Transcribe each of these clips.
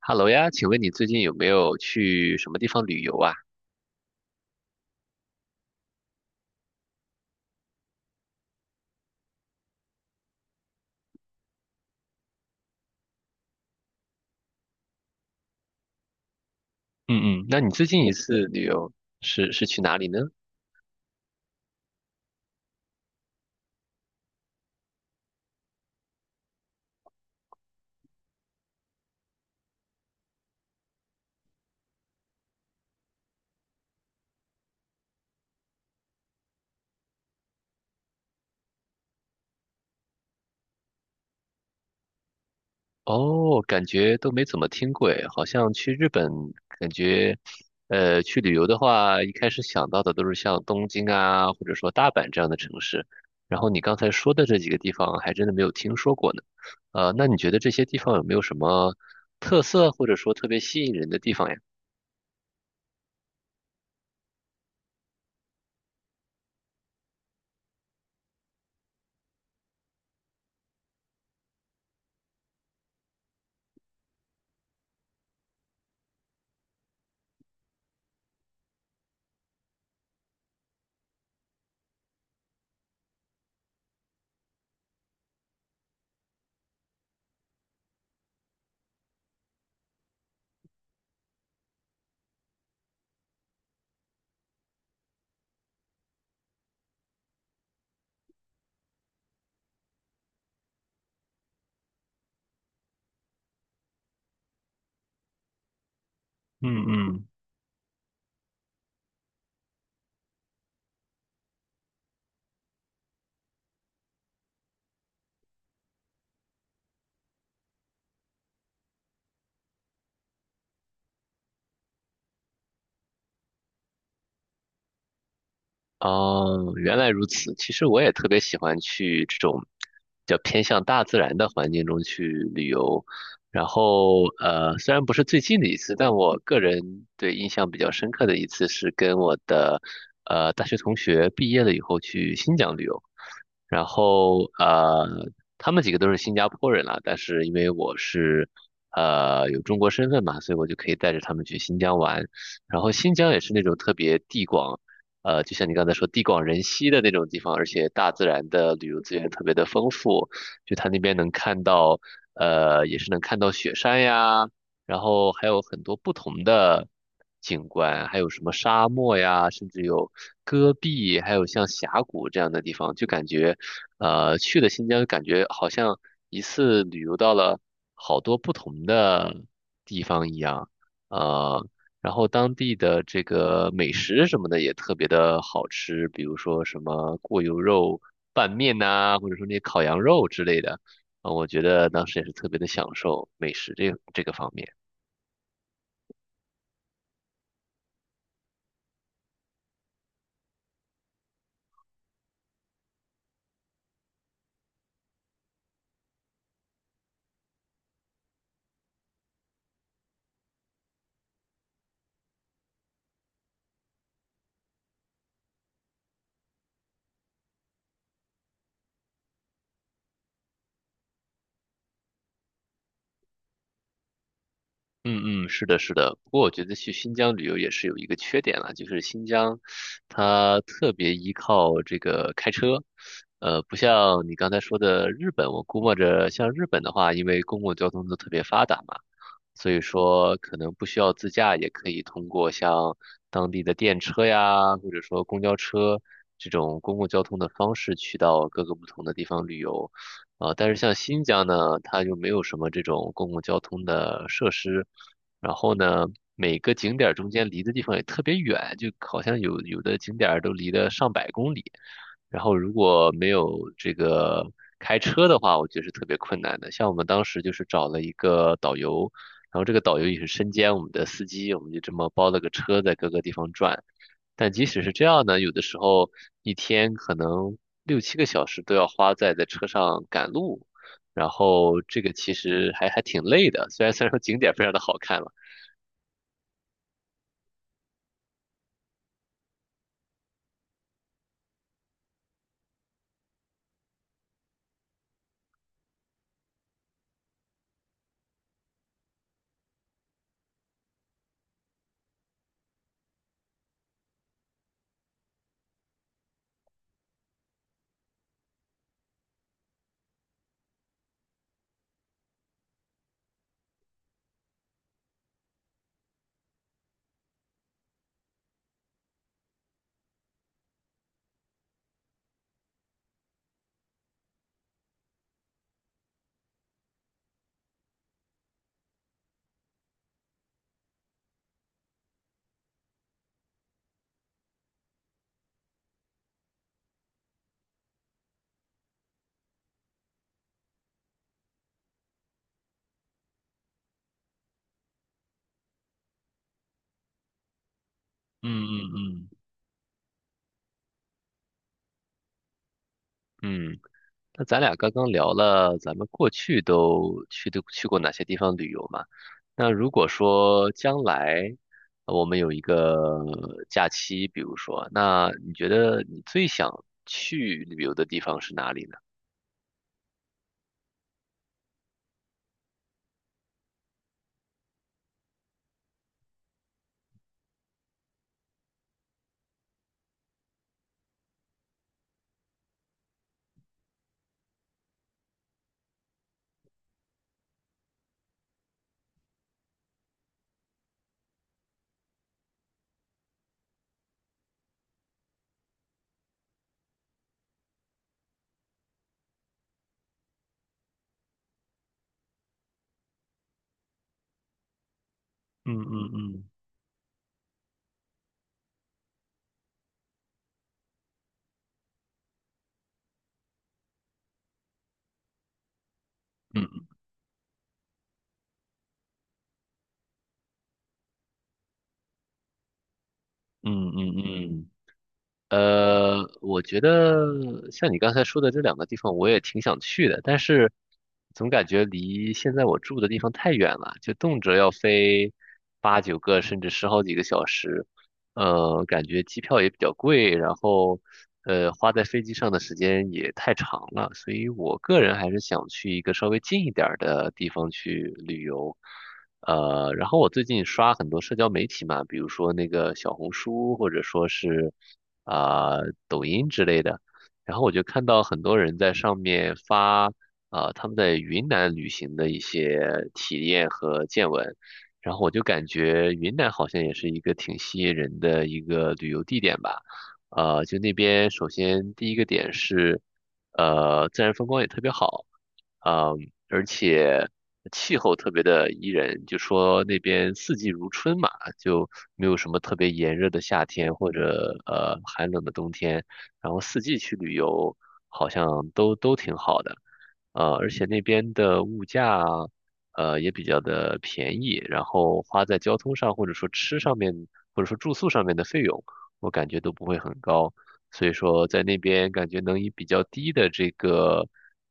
哈喽呀，请问你最近有没有去什么地方旅游啊？嗯嗯，那你最近一次旅游是去哪里呢？哦，感觉都没怎么听过诶，好像去日本，感觉去旅游的话，一开始想到的都是像东京啊，或者说大阪这样的城市。然后你刚才说的这几个地方，还真的没有听说过呢。那你觉得这些地方有没有什么特色，或者说特别吸引人的地方呀？哦，原来如此。其实我也特别喜欢去这种比较偏向大自然的环境中去旅游。然后，虽然不是最近的一次，但我个人对印象比较深刻的一次是跟我的大学同学毕业了以后去新疆旅游。然后他们几个都是新加坡人啦，但是因为我是有中国身份嘛，所以我就可以带着他们去新疆玩。然后新疆也是那种特别地广就像你刚才说，地广人稀的那种地方，而且大自然的旅游资源特别的丰富，就它那边能看到，也是能看到雪山呀，然后还有很多不同的景观，还有什么沙漠呀，甚至有戈壁，还有像峡谷这样的地方，就感觉，去了新疆，感觉好像一次旅游到了好多不同的地方一样。呃，然后当地的这个美食什么的也特别的好吃，比如说什么过油肉拌面呐、或者说那些烤羊肉之类的，啊，我觉得当时也是特别的享受美食这个方面。嗯嗯，是的，是的。不过我觉得去新疆旅游也是有一个缺点了，就是新疆它特别依靠这个开车，不像你刚才说的日本，我估摸着像日本的话，因为公共交通都特别发达嘛。所以说可能不需要自驾，也可以通过像当地的电车呀，或者说公交车这种公共交通的方式去到各个不同的地方旅游。但是像新疆呢，它就没有什么这种公共交通的设施，然后呢，每个景点儿中间离的地方也特别远，就好像有的景点儿都离得上百公里。然后如果没有这个开车的话，我觉得是特别困难的。像我们当时就是找了一个导游，然后这个导游也是身兼我们的司机，我们就这么包了个车在各个地方转。但即使是这样呢，有的时候一天可能六七个小时都要花在车上赶路，然后这个其实还挺累的。虽然说景点非常的好看了，嗯嗯嗯，嗯。那咱俩刚刚聊了咱们过去都去过哪些地方旅游嘛？那如果说将来我们有一个假期，比如说，那你觉得你最想去旅游的地方是哪里呢？嗯嗯嗯嗯嗯嗯嗯。我觉得像你刚才说的这两个地方，我也挺想去的，但是总感觉离现在我住的地方太远了，就动辄要飞八九个甚至十好几个小时。感觉机票也比较贵，然后花在飞机上的时间也太长了，所以我个人还是想去一个稍微近一点儿的地方去旅游。然后我最近刷很多社交媒体嘛，比如说那个小红书，或者说是啊、抖音之类的，然后我就看到很多人在上面发他们在云南旅行的一些体验和见闻。然后我就感觉云南好像也是一个挺吸引人的一个旅游地点吧。就那边首先第一个点是，自然风光也特别好，呃，而且气候特别的宜人，就说那边四季如春嘛，就没有什么特别炎热的夏天或者寒冷的冬天，然后四季去旅游好像都挺好的。而且那边的物价也比较的便宜，然后花在交通上或者说吃上面或者说住宿上面的费用，我感觉都不会很高，所以说在那边感觉能以比较低的这个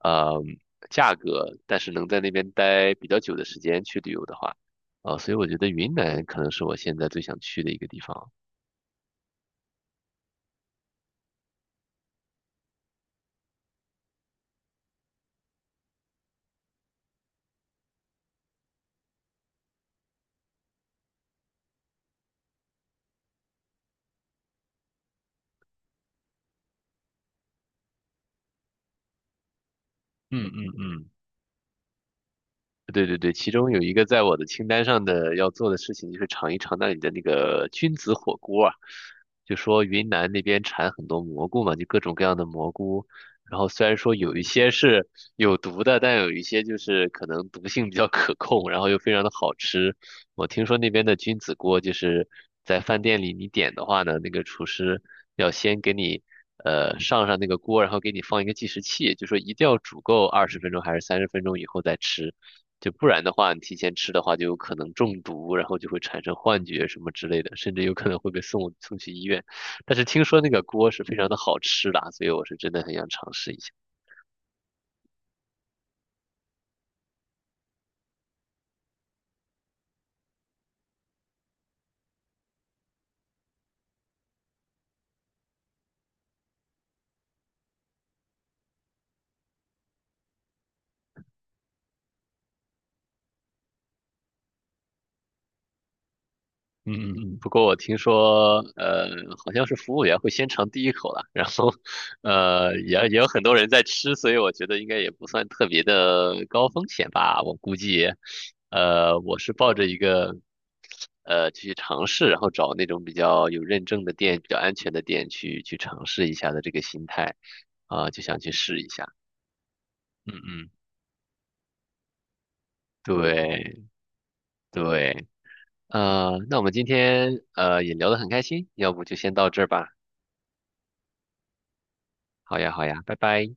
呃价格，但是能在那边待比较久的时间去旅游的话，所以我觉得云南可能是我现在最想去的一个地方。嗯嗯对对对，其中有一个在我的清单上的要做的事情，就是尝一尝那里的那个菌子火锅啊。就说云南那边产很多蘑菇嘛，就各种各样的蘑菇。然后虽然说有一些是有毒的，但有一些就是可能毒性比较可控，然后又非常的好吃。我听说那边的君子锅就是在饭店里你点的话呢，那个厨师要先给你上那个锅，然后给你放一个计时器，就说一定要煮够20分钟还是30分钟以后再吃，就不然的话你提前吃的话就有可能中毒，然后就会产生幻觉什么之类的，甚至有可能会被送去医院。但是听说那个锅是非常的好吃的啊所以我是真的很想尝试一下。嗯嗯嗯，不过我听说，好像是服务员会先尝第一口了，然后，也有很多人在吃，所以我觉得应该也不算特别的高风险吧。我估计，我是抱着一个，去尝试，然后找那种比较有认证的店、比较安全的店去尝试一下的这个心态，就想去试一下。嗯嗯，对对，那我们今天也聊得很开心，要不就先到这儿吧。好呀，好呀，拜拜。